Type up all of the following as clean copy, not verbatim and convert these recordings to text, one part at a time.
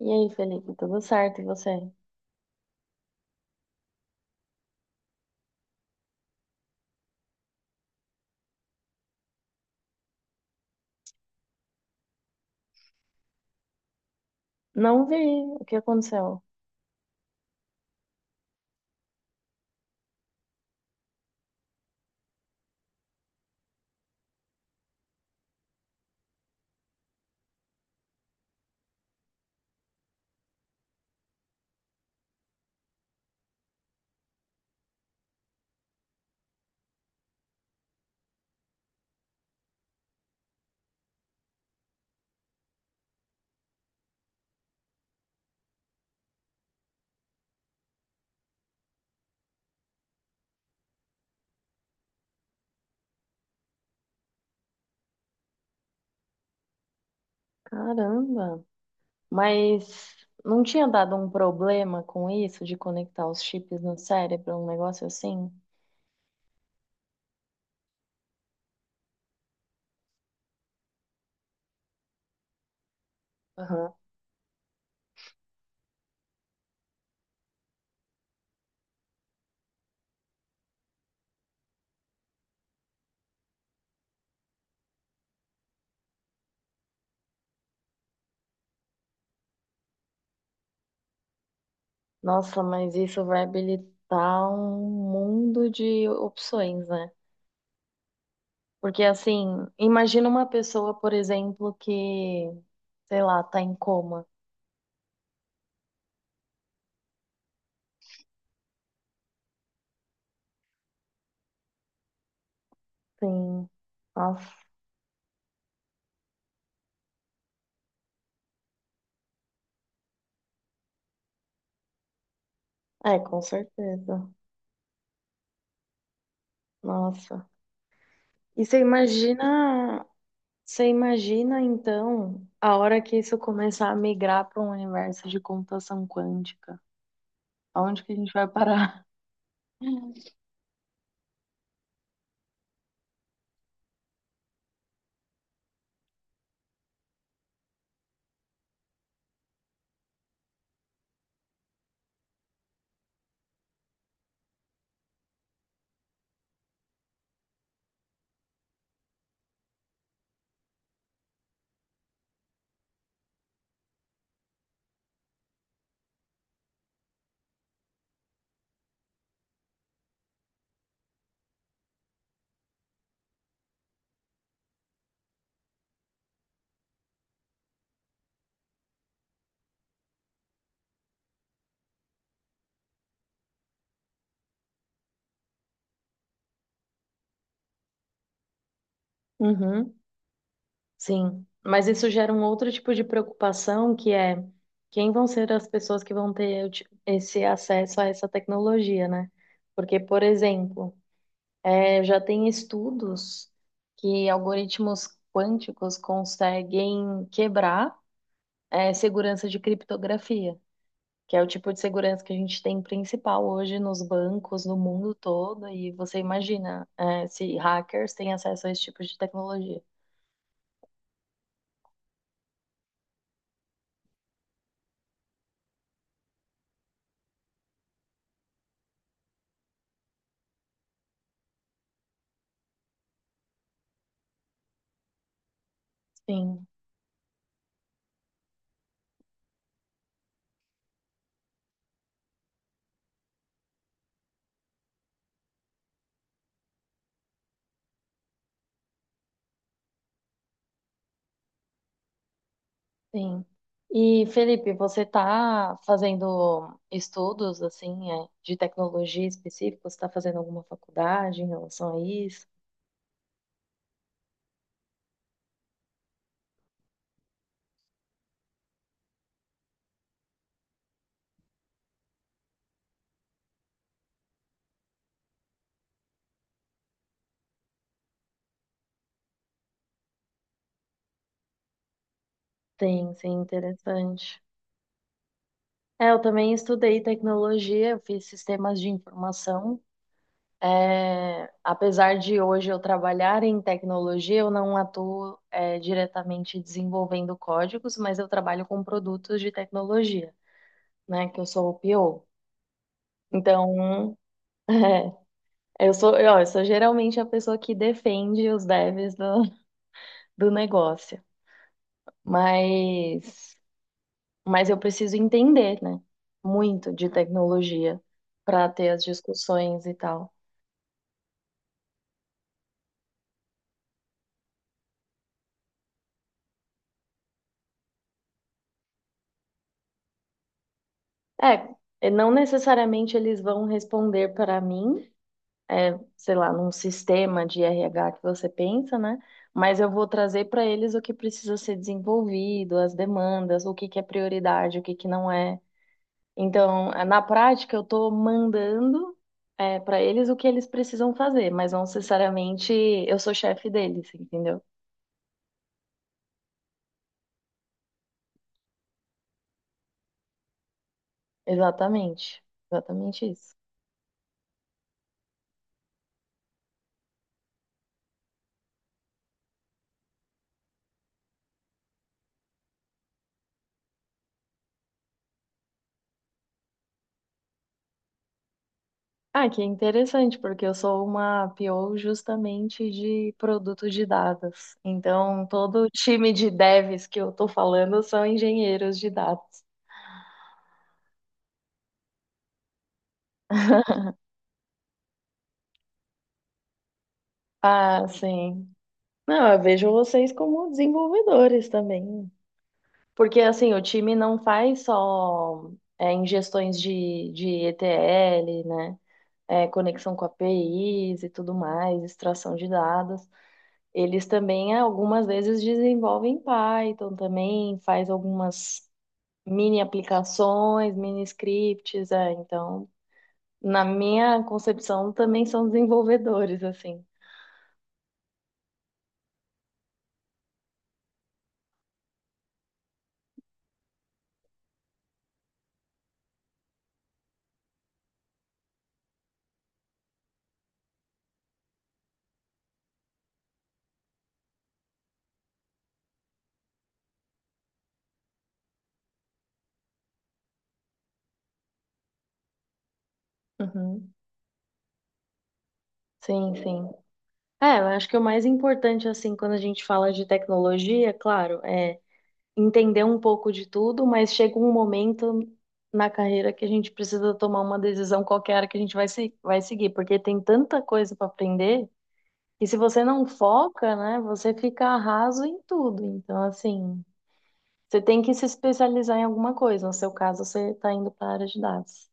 E aí, Felipe, tudo certo? E você? Não vi o que aconteceu. Caramba! Mas não tinha dado um problema com isso de conectar os chips no cérebro, um negócio assim? Aham. Nossa, mas isso vai habilitar um mundo de opções, né? Porque assim, imagina uma pessoa, por exemplo, que, sei lá, tá em coma. Sim. Nossa. É, com certeza. Nossa. E você imagina Você imagina então a hora que isso começar a migrar para um universo de computação quântica? Aonde que a gente vai parar? Uhum, sim. Mas isso gera um outro tipo de preocupação, que é quem vão ser as pessoas que vão ter esse acesso a essa tecnologia, né? Porque, por exemplo, já tem estudos que algoritmos quânticos conseguem quebrar, segurança de criptografia, que é o tipo de segurança que a gente tem principal hoje nos bancos, no mundo todo. E você imagina, é, se hackers têm acesso a esse tipo de tecnologia. Sim, sim. E Felipe, você está fazendo estudos assim, é, de tecnologia específica? Você está fazendo alguma faculdade em relação a isso? Sim, sim, interessante. É, eu também estudei tecnologia, eu fiz sistemas de informação. É, apesar de hoje eu trabalhar em tecnologia, eu não atuo, é, diretamente desenvolvendo códigos, mas eu trabalho com produtos de tecnologia, né? Que eu sou o PO. Então, é, eu sou, ó, eu sou geralmente a pessoa que defende os devs do negócio, mas, mas eu preciso entender, né? Muito de tecnologia para ter as discussões e tal. É, não necessariamente eles vão responder para mim. Sei lá, num sistema de RH que você pensa, né? Mas eu vou trazer para eles o que precisa ser desenvolvido, as demandas, o que que é prioridade, o que que não é. Então, na prática, eu estou mandando para eles o que eles precisam fazer, mas não necessariamente eu sou chefe deles, entendeu? Exatamente, exatamente isso. Ah, que interessante, porque eu sou uma PO justamente de produtos de dados. Então, todo o time de devs que eu tô falando são engenheiros de dados. Ah, sim. Não, eu vejo vocês como desenvolvedores também. Porque, assim, o time não faz só é, ingestões de ETL, né? É, conexão com APIs e tudo mais, extração de dados. Eles também algumas vezes desenvolvem Python também, faz algumas mini aplicações, mini scripts, é, então, na minha concepção, também são desenvolvedores, assim. Uhum. Sim, sim. É, eu acho que o mais importante, assim, quando a gente fala de tecnologia, é claro, é entender um pouco de tudo, mas chega um momento na carreira que a gente precisa tomar uma decisão qualquer que a gente vai, se, vai seguir, porque tem tanta coisa para aprender. E se você não foca, né, você fica raso em tudo. Então, assim, você tem que se especializar em alguma coisa. No seu caso, você está indo para a área de dados,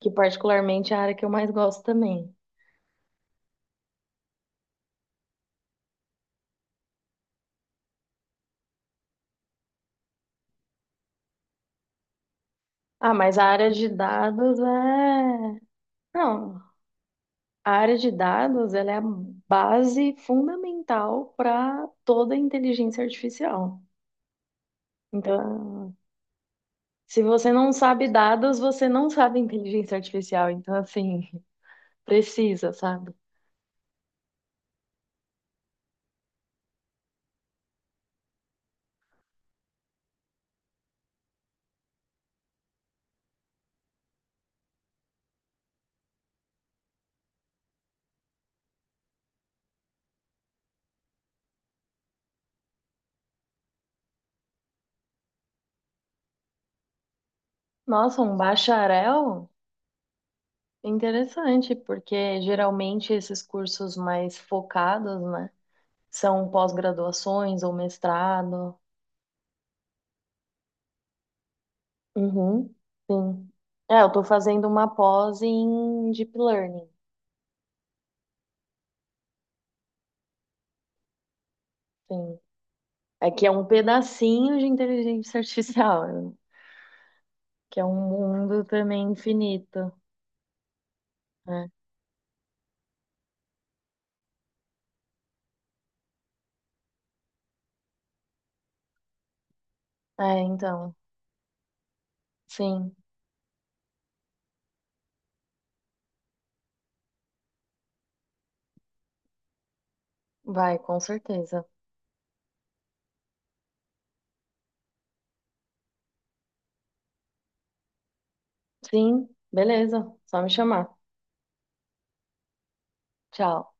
que particularmente é a área que eu mais gosto também. Ah, mas a área de dados é... Não, a área de dados, ela é a base fundamental para toda a inteligência artificial. Então, se você não sabe dados, você não sabe inteligência artificial. Então, assim, precisa, sabe? Nossa, um bacharel? Interessante, porque geralmente esses cursos mais focados, né, são pós-graduações ou mestrado. Uhum, sim. É, eu tô fazendo uma pós em Deep Learning, sim. É que é um pedacinho de inteligência artificial, que é um mundo também infinito, né? É, então, sim, vai, com certeza. Sim, beleza, só me chamar. Tchau.